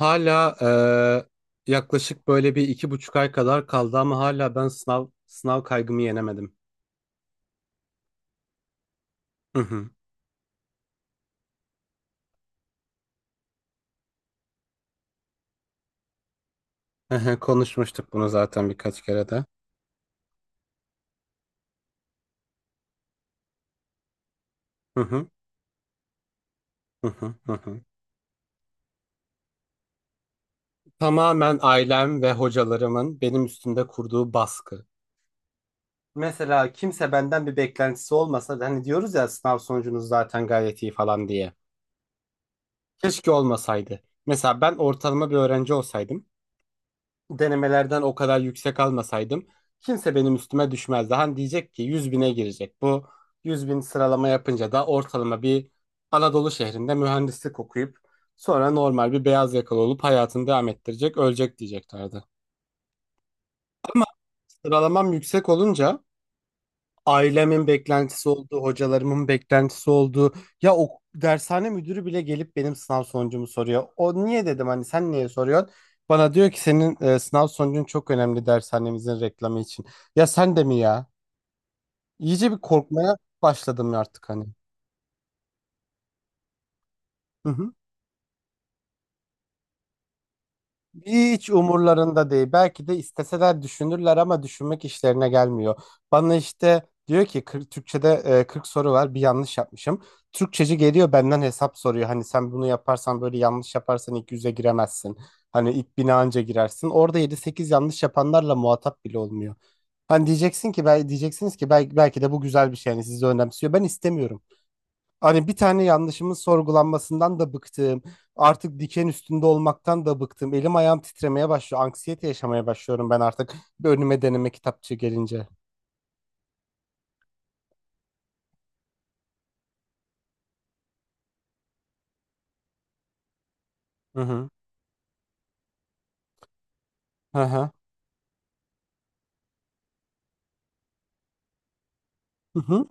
Hala yaklaşık böyle bir 2,5 ay kadar kaldı ama hala ben sınav kaygımı yenemedim. Hı hı. Hı hı. Konuşmuştuk bunu zaten birkaç kere de. Hı hı. Hı hı. Hı hı. Tamamen ailem ve hocalarımın benim üstümde kurduğu baskı. Mesela kimse benden bir beklentisi olmasa da hani diyoruz ya sınav sonucunuz zaten gayet iyi falan diye. Keşke olmasaydı. Mesela ben ortalama bir öğrenci olsaydım, denemelerden o kadar yüksek almasaydım kimse benim üstüme düşmezdi. Hani diyecek ki 100.000'e girecek. Bu 100.000 sıralama yapınca da ortalama bir Anadolu şehrinde mühendislik okuyup sonra normal bir beyaz yakalı olup hayatını devam ettirecek, ölecek diyeceklerdi. Sıralamam yüksek olunca ailemin beklentisi oldu, hocalarımın beklentisi oldu. Ya o dershane müdürü bile gelip benim sınav sonucumu soruyor. O niye dedim, hani sen niye soruyorsun? Bana diyor ki senin sınav sonucun çok önemli dershanemizin reklamı için. Ya sen de mi ya? İyice bir korkmaya başladım artık hani. Hiç umurlarında değil. Belki de isteseler düşünürler ama düşünmek işlerine gelmiyor. Bana işte diyor ki 40, Türkçe'de 40 soru var, bir yanlış yapmışım. Türkçeci geliyor benden hesap soruyor. Hani sen bunu yaparsan, böyle yanlış yaparsan ilk 100'e giremezsin. Hani ilk 1.000'e anca girersin. Orada 7-8 yanlış yapanlarla muhatap bile olmuyor. Hani diyeceksin ki diyeceksiniz ki belki, belki de bu güzel bir şey. Yani sizi önemsiyor. Ben istemiyorum. Hani bir tane yanlışımın sorgulanmasından da bıktım. Artık diken üstünde olmaktan da bıktım. Elim ayağım titremeye başlıyor. Anksiyete yaşamaya başlıyorum ben artık. Bir önüme deneme kitapçığı gelince. Hı hı. Hı hı. Hı hı.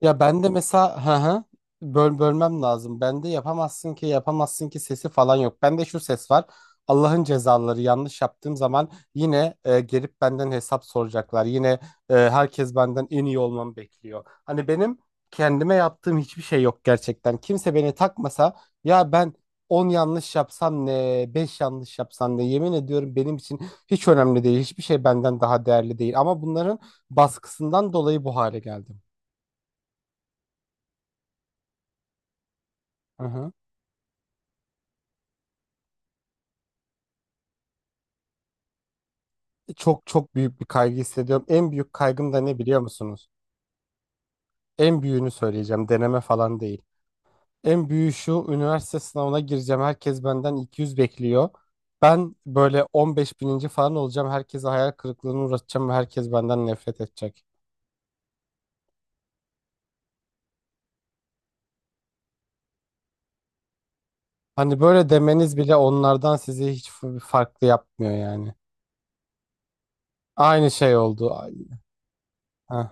Ya ben de mesela, hı hı, bölmem lazım. Ben de yapamazsın ki, yapamazsın ki sesi falan yok. Ben de şu ses var. Allah'ın cezaları yanlış yaptığım zaman yine gelip benden hesap soracaklar. Yine herkes benden en iyi olmamı bekliyor. Hani benim kendime yaptığım hiçbir şey yok gerçekten. Kimse beni takmasa, ya ben 10 yanlış yapsam ne, 5 yanlış yapsam ne, yemin ediyorum, benim için hiç önemli değil. Hiçbir şey benden daha değerli değil. Ama bunların baskısından dolayı bu hale geldim. Hı hı. Çok çok büyük bir kaygı hissediyorum. En büyük kaygım da ne biliyor musunuz? En büyüğünü söyleyeceğim. Deneme falan değil. En büyüğü şu, üniversite sınavına gireceğim. Herkes benden 200 bekliyor. Ben böyle 15 bininci falan olacağım. Herkese hayal kırıklığına uğratacağım ve herkes benden nefret edecek. Hani böyle demeniz bile onlardan sizi hiç farklı yapmıyor yani. Aynı şey oldu. Heh.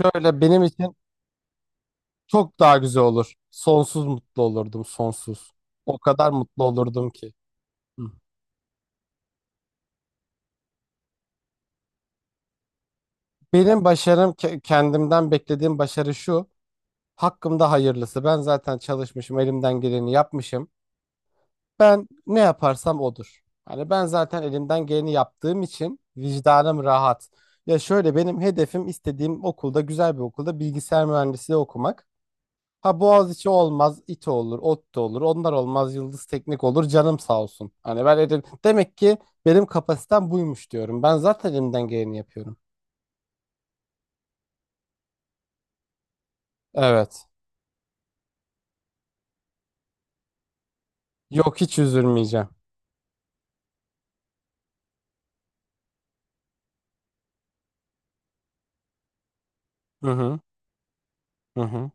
Şöyle benim için çok daha güzel olur. Sonsuz mutlu olurdum, sonsuz. O kadar mutlu olurdum ki. Hı. Benim başarım, kendimden beklediğim başarı şu. Hakkımda hayırlısı. Ben zaten çalışmışım, elimden geleni yapmışım. Ben ne yaparsam odur. Hani ben zaten elimden geleni yaptığım için vicdanım rahat. Ya şöyle, benim hedefim istediğim okulda, güzel bir okulda bilgisayar mühendisliği okumak. Ha Boğaziçi olmaz, İTÜ olur, ODTÜ olur. Onlar olmaz, Yıldız Teknik olur. Canım sağ olsun. Demek ki benim kapasitem buymuş diyorum. Ben zaten elimden geleni yapıyorum. Evet. Yok, hiç üzülmeyeceğim. Hı hı. Hı hı.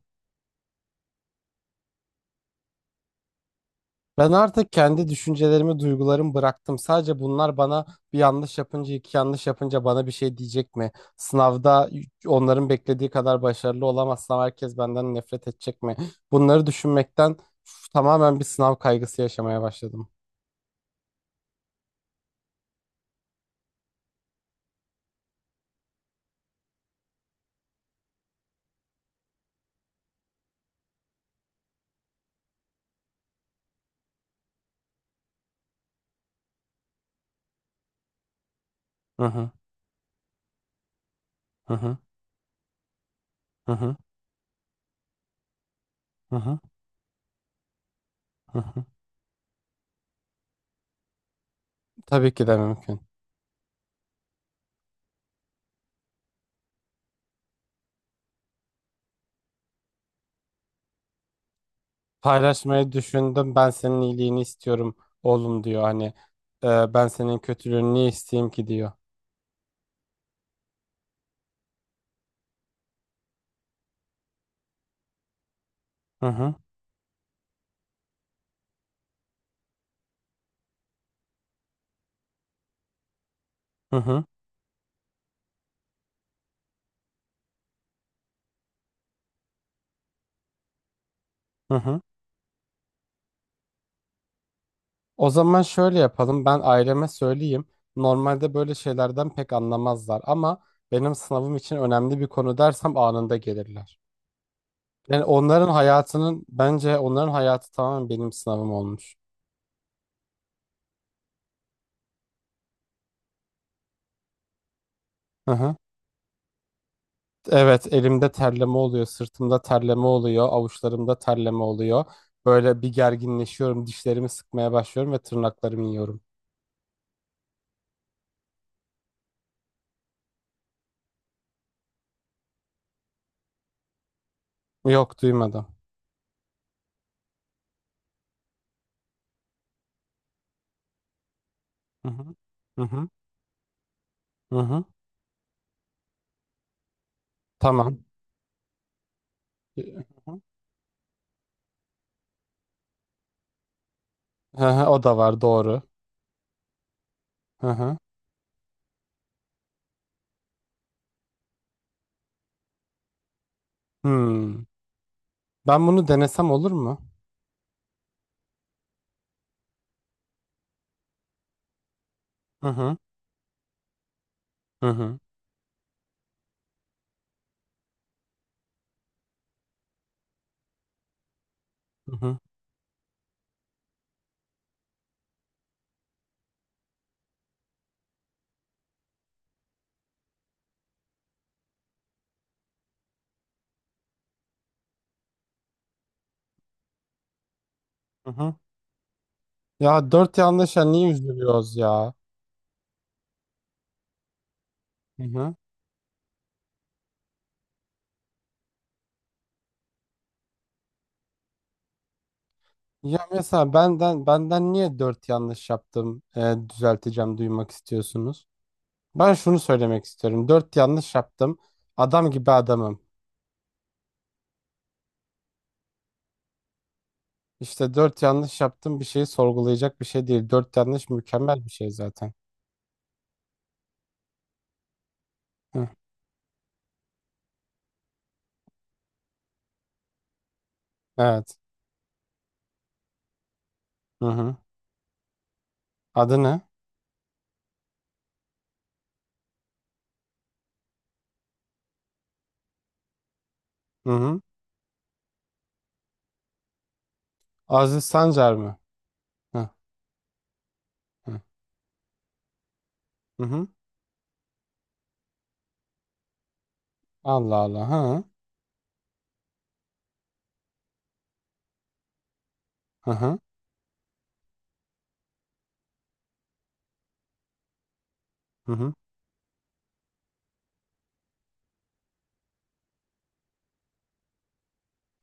Ben artık kendi düşüncelerimi, duygularımı bıraktım. Sadece bunlar bana bir yanlış yapınca, iki yanlış yapınca bana bir şey diyecek mi? Sınavda onların beklediği kadar başarılı olamazsam herkes benden nefret edecek mi? Bunları düşünmekten, üf, tamamen bir sınav kaygısı yaşamaya başladım. Hı hı. Hı hı. Hı hı. Hı hı. Hı hı. Tabii ki de mümkün. Paylaşmayı düşündüm. Ben senin iyiliğini istiyorum oğlum diyor. Hani ben senin kötülüğünü niye isteyeyim ki diyor. Hı hı. Hı hı. Hı hı. O zaman şöyle yapalım. Ben aileme söyleyeyim. Normalde böyle şeylerden pek anlamazlar ama benim sınavım için önemli bir konu dersem anında gelirler. Yani onların hayatının, bence onların hayatı tamamen benim sınavım olmuş. Hı hı. Evet, elimde terleme oluyor, sırtımda terleme oluyor, avuçlarımda terleme oluyor. Böyle bir gerginleşiyorum, dişlerimi sıkmaya başlıyorum ve tırnaklarımı yiyorum. Yok, duymadım. Hı hı. Hı hı. Hı hı. Tamam. Hı hı. Hı hı, o da var, doğru. Hı hı. Hmm. Ben bunu denesem olur mu? Hı hı. Hı hı. Hı hı. Hı hı. Ya dört yanlış, ya niye üzülüyoruz ya? Hı hı. Ya mesela, benden niye dört yanlış yaptım, düzelteceğim duymak istiyorsunuz? Ben şunu söylemek istiyorum. Dört yanlış yaptım. Adam gibi adamım. İşte dört yanlış yaptım, bir şeyi sorgulayacak bir şey değil. Dört yanlış mükemmel bir şey zaten. Hı. Evet. Hı hı. Adı ne? Hı hı. Aziz Sancar mı? Hı hı. Hı hı. Allah Allah. Hı. Hı hı. Hı hı.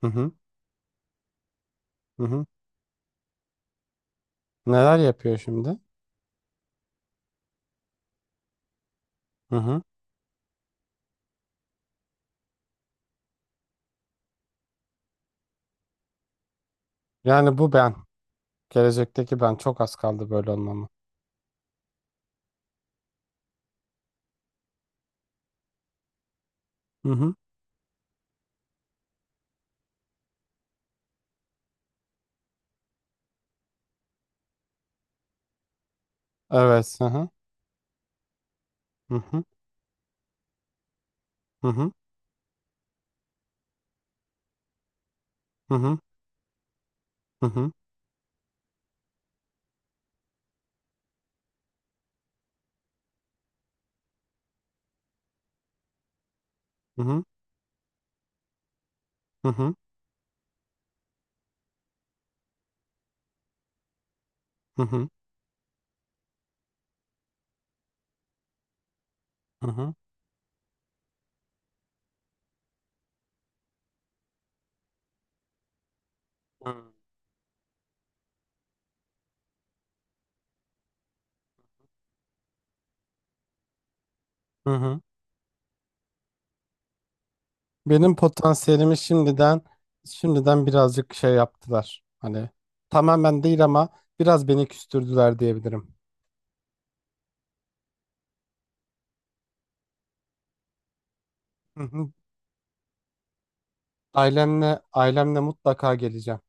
Hı hı. Hı hı. Neler yapıyor şimdi? Hı hı. Yani bu ben. Gelecekteki ben. Çok az kaldı böyle olmama. Hı hı. Evet. Hı hı. Hı hı. Hı hı. Hı hı. Hı hı. Hı hı. Hı hı. Hı hı. Hı hı. Hı hı. Benim potansiyelimi şimdiden birazcık şey yaptılar. Hani tamamen değil ama biraz beni küstürdüler diyebilirim. Hı hı. Ailemle mutlaka geleceğim.